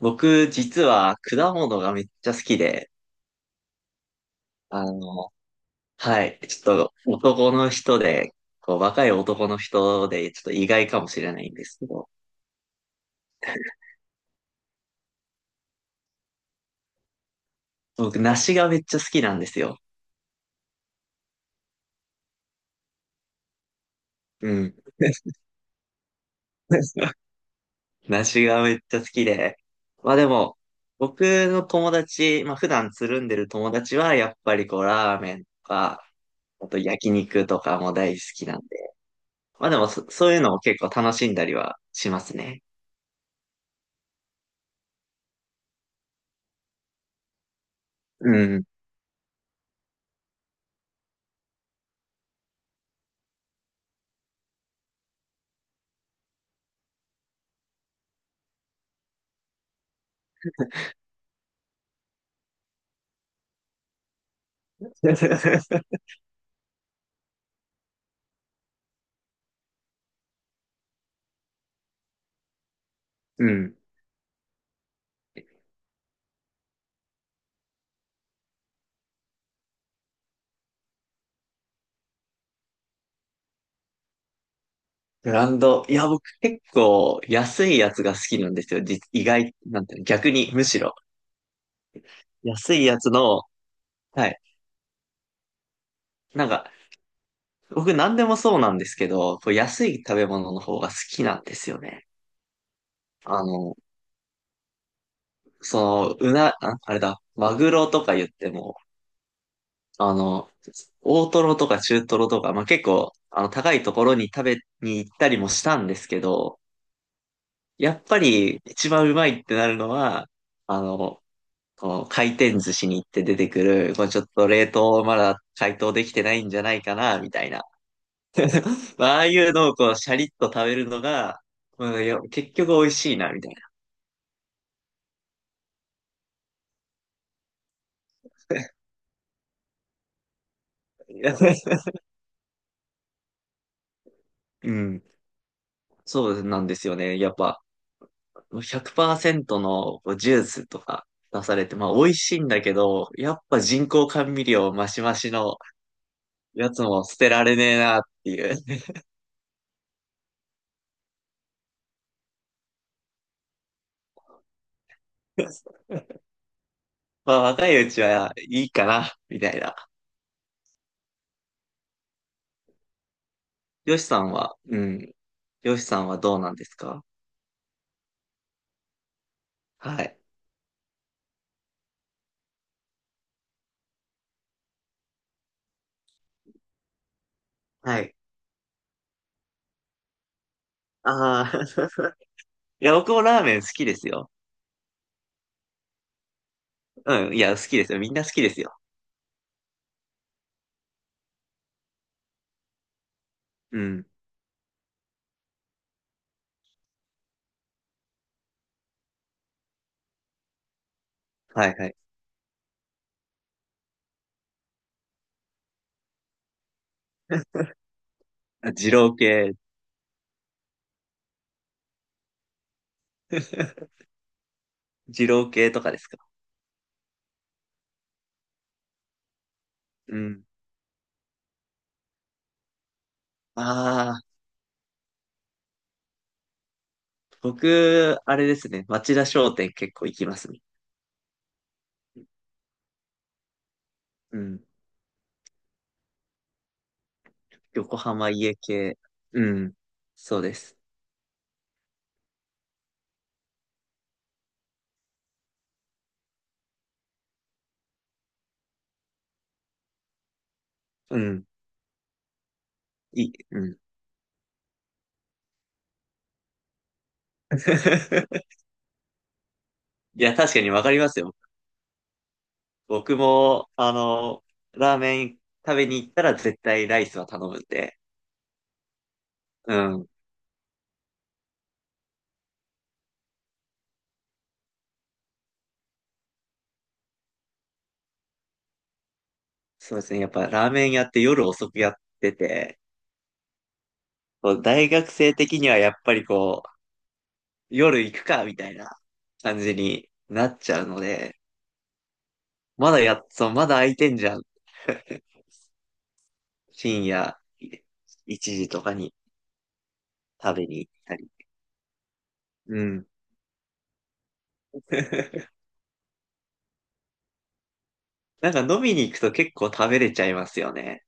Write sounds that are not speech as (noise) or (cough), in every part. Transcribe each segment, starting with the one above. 僕、実は果物がめっちゃ好きで、あの、はい、ちょっと男の人で、こう、若い男の人で、ちょっと意外かもしれないんですけど、僕、梨がめっちゃ好きなんですよ。うん。(laughs) 梨がめっちゃ好きで。まあでも、僕の友達、まあ普段つるんでる友達は、やっぱりこう、ラーメンとか、あと焼肉とかも大好きなんで。まあでもそういうのを結構楽しんだりはしますね。うん。(laughs) うん。ブランド。いや、僕結構安いやつが好きなんですよ。実意外、なんていうの、逆に、むしろ。安いやつの、はい。なんか、僕何でもそうなんですけど、こう安い食べ物の方が好きなんですよね。あの、その、うな、あ、あれだ、マグロとか言っても、あの、大トロとか中トロとか、まあ、結構、高いところに食べに行ったりもしたんですけど、やっぱり一番うまいってなるのは、あの、この回転寿司に行って出てくる、こうちょっと冷凍まだ解凍できてないんじゃないかな、みたいな。まあ、ああいうのをこう、シャリッと食べるのが、まあ、いや結局美味しいな、みたいな。(laughs) うん。(laughs) そうなんですよね。やっぱ、100%のこうジュースとか出されて、まあ、美味しいんだけど、やっぱ人工甘味料マシマシのやつも捨てられねえな、っていう。(laughs) まあ、若いうちはいいかな、みたいな。よしさんは、うん、よしさんはどうなんですか？はい。はい。ああ、(laughs) いや、僕もラーメン好きですよ。うん。いや、好きですよ。みんな好きですよ。うん。はいはい。あ、二郎系。(laughs) 二郎系とかですか？うん。ああ、僕、あれですね。町田商店結構行きますね。うん。横浜家系。うん。そうです。うん。いい。うん。(laughs) いや、確かにわかりますよ。僕も、ラーメン食べに行ったら絶対ライスは頼むんで。うん。そうですね。やっぱラーメン屋って夜遅くやってて、こう大学生的にはやっぱりこう、夜行くか、みたいな感じになっちゃうので、まだやっ、そう、まだ空いてんじゃん。(laughs) 深夜1時とかに食べに行ったり。うん。(laughs) なんか飲みに行くと結構食べれちゃいますよね。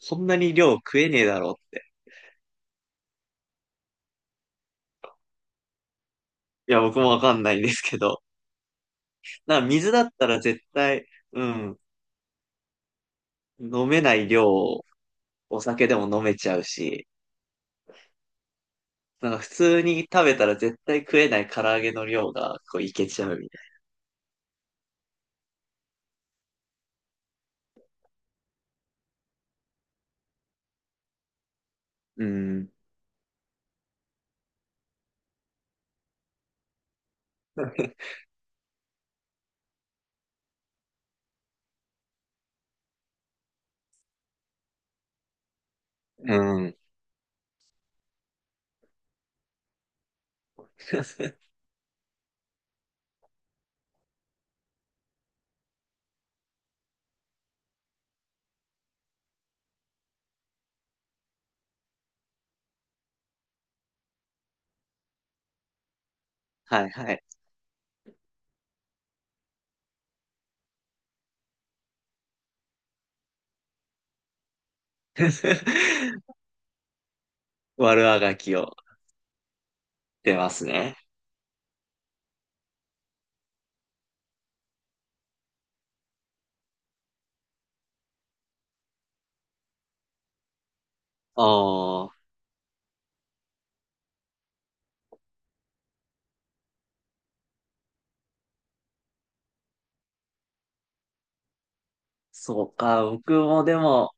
そんなに量食えねえだろうって。いや、僕もわかんないんですけど。なんか水だったら絶対、うん、飲めない量をお酒でも飲めちゃうし、なんか普通に食べたら絶対食えない唐揚げの量がこういけちゃうみたいな。うん。うん。(laughs) はいはい。(laughs) 悪あがきを出ますね。ああ、そうか。僕もでも、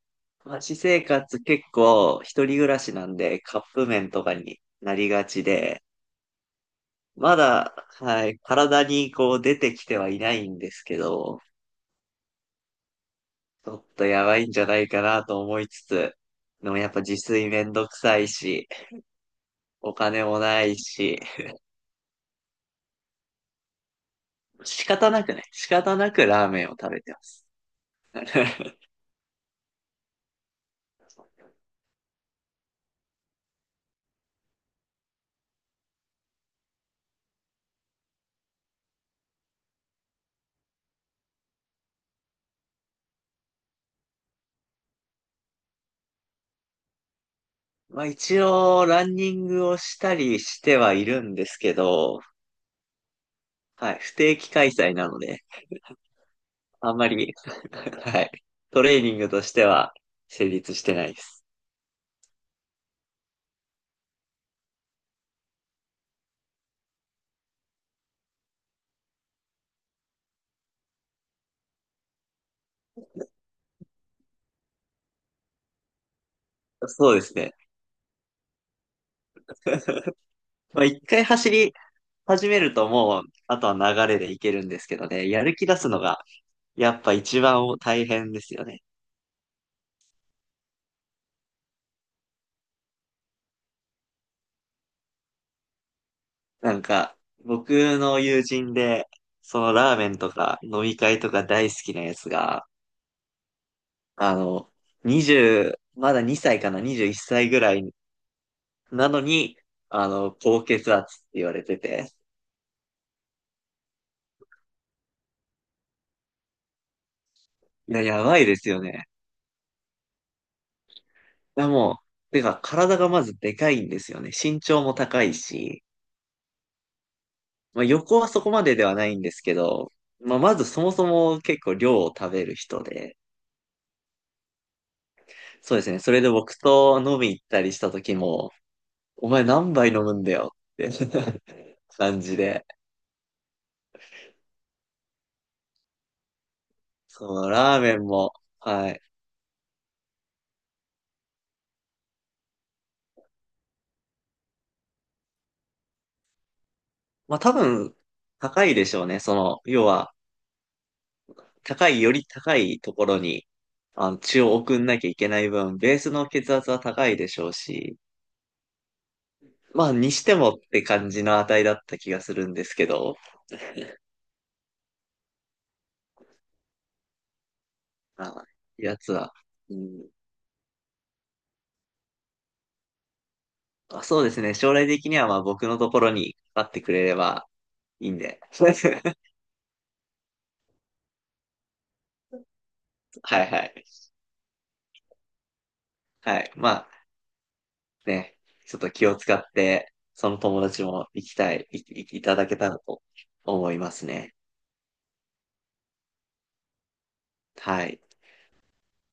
私生活結構一人暮らしなんでカップ麺とかになりがちで、まだ、はい、体にこう出てきてはいないんですけど、ちょっとやばいんじゃないかなと思いつつ、でもやっぱ自炊めんどくさいし、お金もないし、仕方なくね、仕方なくラーメンを食べてます。(laughs) まあ一応、ランニングをしたりしてはいるんですけど、はい、不定期開催なので、あんまり (laughs) はい、トレーニングとしては成立してないです。そうですね。まあ一回走り始めるともう、あとは流れでいけるんですけどね、やる気出すのが、やっぱ一番大変ですよね。なんか、僕の友人で、そのラーメンとか飲み会とか大好きなやつが、あの、20、まだ2歳かな、21歳ぐらいなのに、高血圧って言われてて。いや、やばいですよね。いや、もう、てか、体がまずでかいんですよね。身長も高いし、まあ、横はそこまでではないんですけど、まあ、まずそもそも結構量を食べる人で、そうですね。それで僕と飲み行ったりした時も、お前何杯飲むんだよって (laughs) 感じで。そう、ラーメンも、はい。まあ多分、高いでしょうね。その、要は、より高いところに、血を送んなきゃいけない分、ベースの血圧は高いでしょうし、まあ、にしてもって感じの値だった気がするんですけど、まあ、やつは、うん、まあ、そうですね。将来的には、まあ、僕のところにかかってくれればいいんで。(laughs) はいはい。はい。まあ、ね、ちょっと気を使って、その友達も行きたい、い、い、いただけたらと思いますね。はい。